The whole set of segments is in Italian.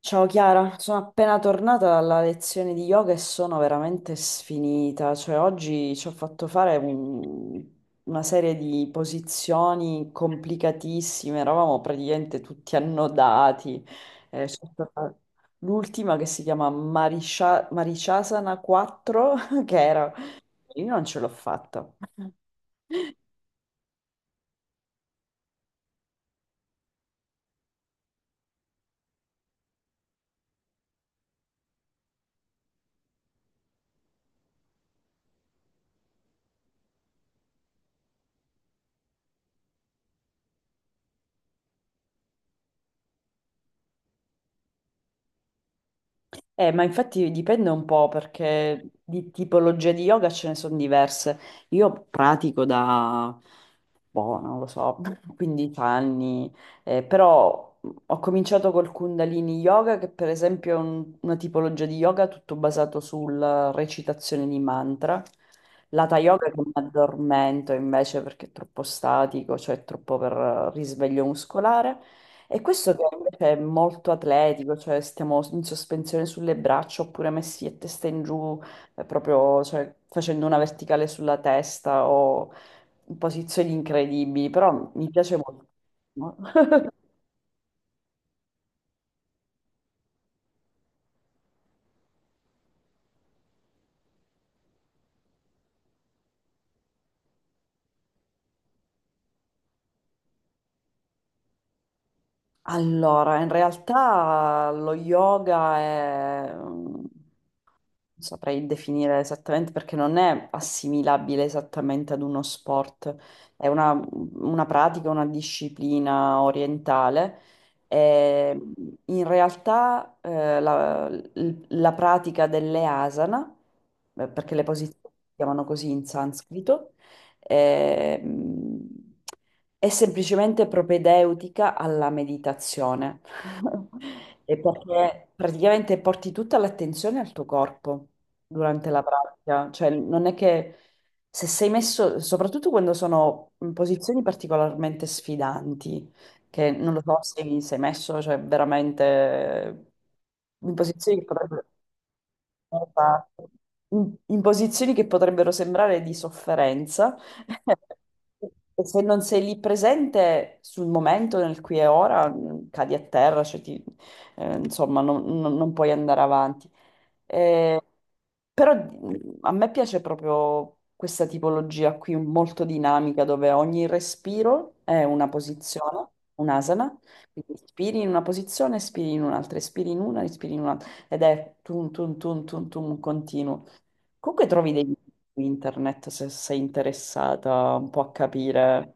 Ciao Chiara, sono appena tornata dalla lezione di yoga e sono veramente sfinita, cioè oggi ci ho fatto fare una serie di posizioni complicatissime, eravamo praticamente tutti annodati. Ci ho fatto fare l'ultima che si chiama Marishasana 4, che era. Io non ce l'ho fatta. Ma infatti dipende un po' perché di tipologie di yoga ce ne sono diverse. Io pratico da, boh, non lo so, 15 anni, però ho cominciato col Kundalini Yoga, che per esempio è una tipologia di yoga tutto basato sulla recitazione di mantra. L'Hatha Yoga che mi addormento invece perché è troppo statico, cioè troppo per risveglio muscolare. E questo che invece è molto atletico, cioè stiamo in sospensione sulle braccia oppure messi a testa in giù, proprio cioè, facendo una verticale sulla testa o in posizioni incredibili, però mi piace molto. Allora, in realtà lo yoga è saprei definire esattamente perché non è assimilabile esattamente ad uno sport, è una pratica, una disciplina orientale. E in realtà la pratica delle asana, perché le posizioni si chiamano così in sanscrito, ehm, è semplicemente propedeutica alla meditazione. E perché praticamente porti tutta l'attenzione al tuo corpo durante la pratica, cioè non è che se sei messo, soprattutto quando sono in posizioni particolarmente sfidanti, che non lo so se sei messo, cioè veramente in posizioni che potrebbero. Esatto. In posizioni che potrebbero sembrare di sofferenza, e se non sei lì presente sul momento, nel qui e ora, cadi a terra, cioè insomma, non puoi andare avanti. Eh, però a me piace proprio questa tipologia qui, molto dinamica, dove ogni respiro è una posizione, un'asana. Quindi inspiri in una posizione, espiri in un'altra, espiri in una, inspiri in un'altra ed è tum tum tum tum tum continuo. Comunque trovi dei video su internet se sei interessata un po' a capire.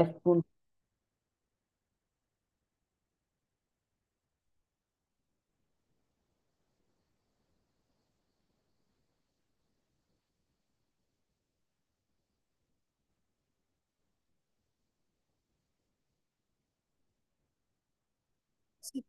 E fun- Sì,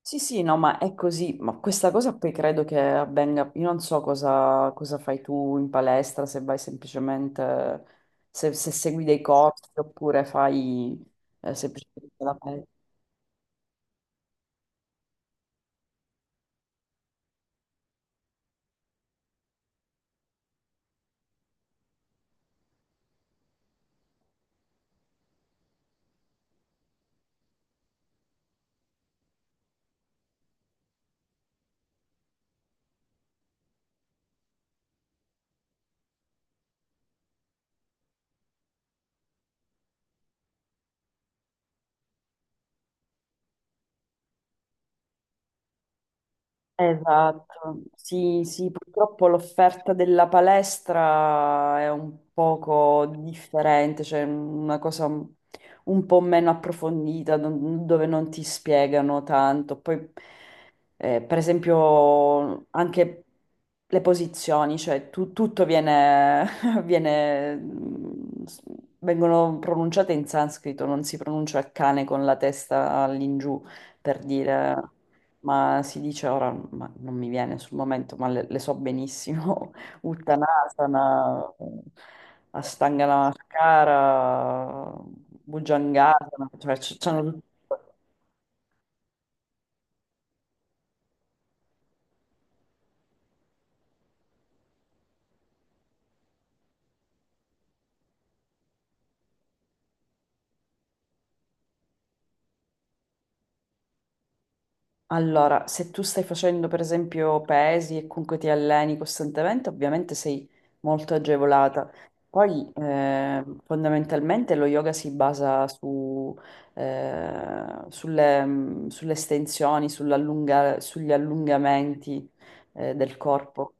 sì, sì, no, ma è così. Ma questa cosa poi credo che avvenga. Io non so cosa fai tu in palestra, se vai semplicemente, se segui dei corsi oppure fai semplicemente la palestra. Esatto, sì, sì, purtroppo l'offerta della palestra è un poco differente, cioè una cosa un po' meno approfondita, dove non ti spiegano tanto. Poi, per esempio, anche le posizioni, cioè tutto viene, viene- mm, s- vengono pronunciate in sanscrito, non si pronuncia il cane con la testa all'ingiù per dire, ma si dice ora, ma non mi viene sul momento, ma le so benissimo, Uttanasana, Astangana Mascara, Bhujangasana, cioè c'hanno tutti. Allora, se tu stai facendo per esempio pesi e comunque ti alleni costantemente, ovviamente sei molto agevolata. Poi fondamentalmente lo yoga si basa sulle estensioni, sugli allungamenti del corpo.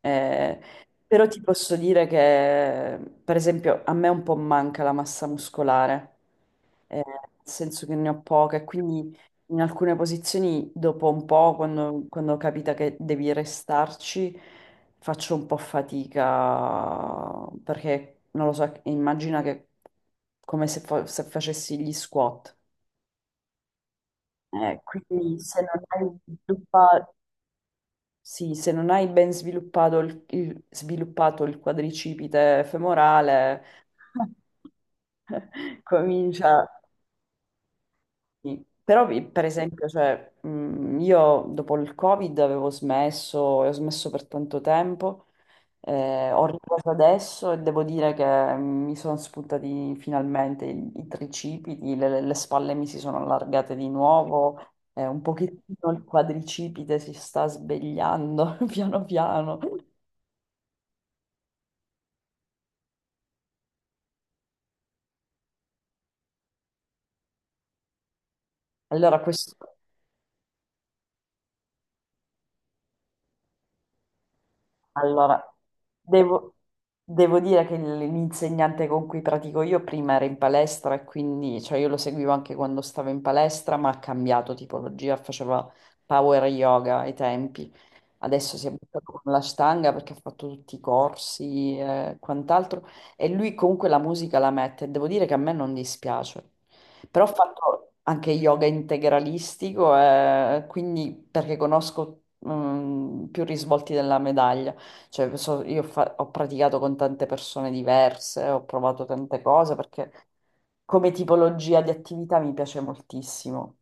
Eh, però ti posso dire che, per esempio, a me un po' manca la massa muscolare nel senso che ne ho poche, quindi in alcune posizioni dopo un po', quando capita che devi restarci, faccio un po' fatica, perché non lo so, immagina che come se, se facessi gli squat. Quindi se non hai sì, se non hai ben sviluppato il quadricipite femorale, comincia. Sì. Però, per esempio, cioè, io dopo il Covid avevo smesso e ho smesso per tanto tempo, ho ripreso adesso e devo dire che mi sono spuntati finalmente i tricipiti, le spalle mi si sono allargate di nuovo, un pochettino il quadricipite si sta svegliando piano piano. Allora, questo. Allora, devo, devo dire che l'insegnante con cui pratico io prima era in palestra e quindi, cioè io lo seguivo anche quando stavo in palestra, ma ha cambiato tipologia, faceva power yoga ai tempi. Adesso si è buttato con la stanga perché ha fatto tutti i corsi e quant'altro. E lui comunque la musica la mette. Devo dire che a me non dispiace. Però ho fatto anche yoga integralistico, quindi perché conosco più risvolti della medaglia. Cioè, ho praticato con tante persone diverse, ho provato tante cose perché come tipologia di attività mi piace moltissimo.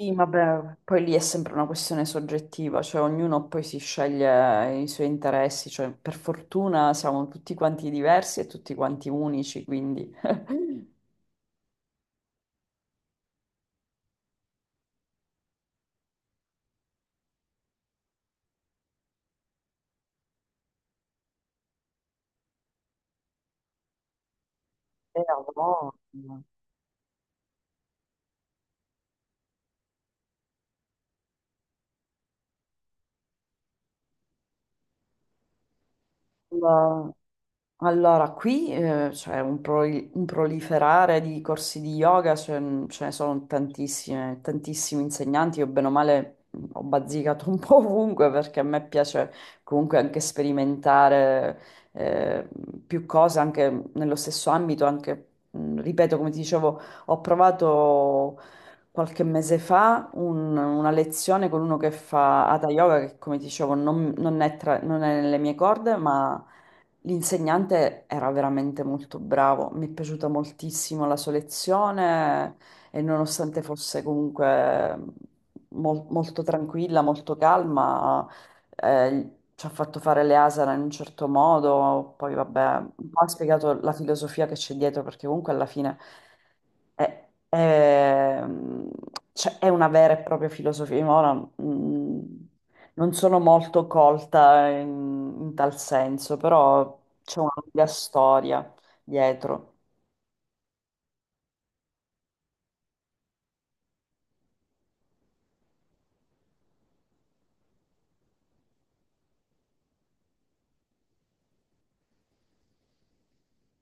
Sì, vabbè, poi lì è sempre una questione soggettiva, cioè ognuno poi si sceglie i suoi interessi, cioè per fortuna siamo tutti quanti diversi e tutti quanti unici, quindi. A voglia. Allora, qui c'è un proliferare di corsi di yoga, ce ne sono tantissime, tantissimi insegnanti, io bene o male ho bazzicato un po' ovunque perché a me piace comunque anche sperimentare eh, più cose anche nello stesso ambito, anche, ripeto, come ti dicevo, ho provato qualche mese fa una lezione con uno che fa Hatha Yoga, che come ti dicevo non è nelle mie corde, ma. L'insegnante era veramente molto bravo, mi è piaciuta moltissimo la sua lezione e nonostante fosse comunque molto tranquilla, molto calma, ci ha fatto fare le asana in un certo modo, poi vabbè, un po' ha spiegato la filosofia che c'è dietro perché comunque alla fine è, è- cioè, è una vera e propria filosofia. Io ora, mm, non sono molto colta in tal senso, però c'è una lunga storia dietro.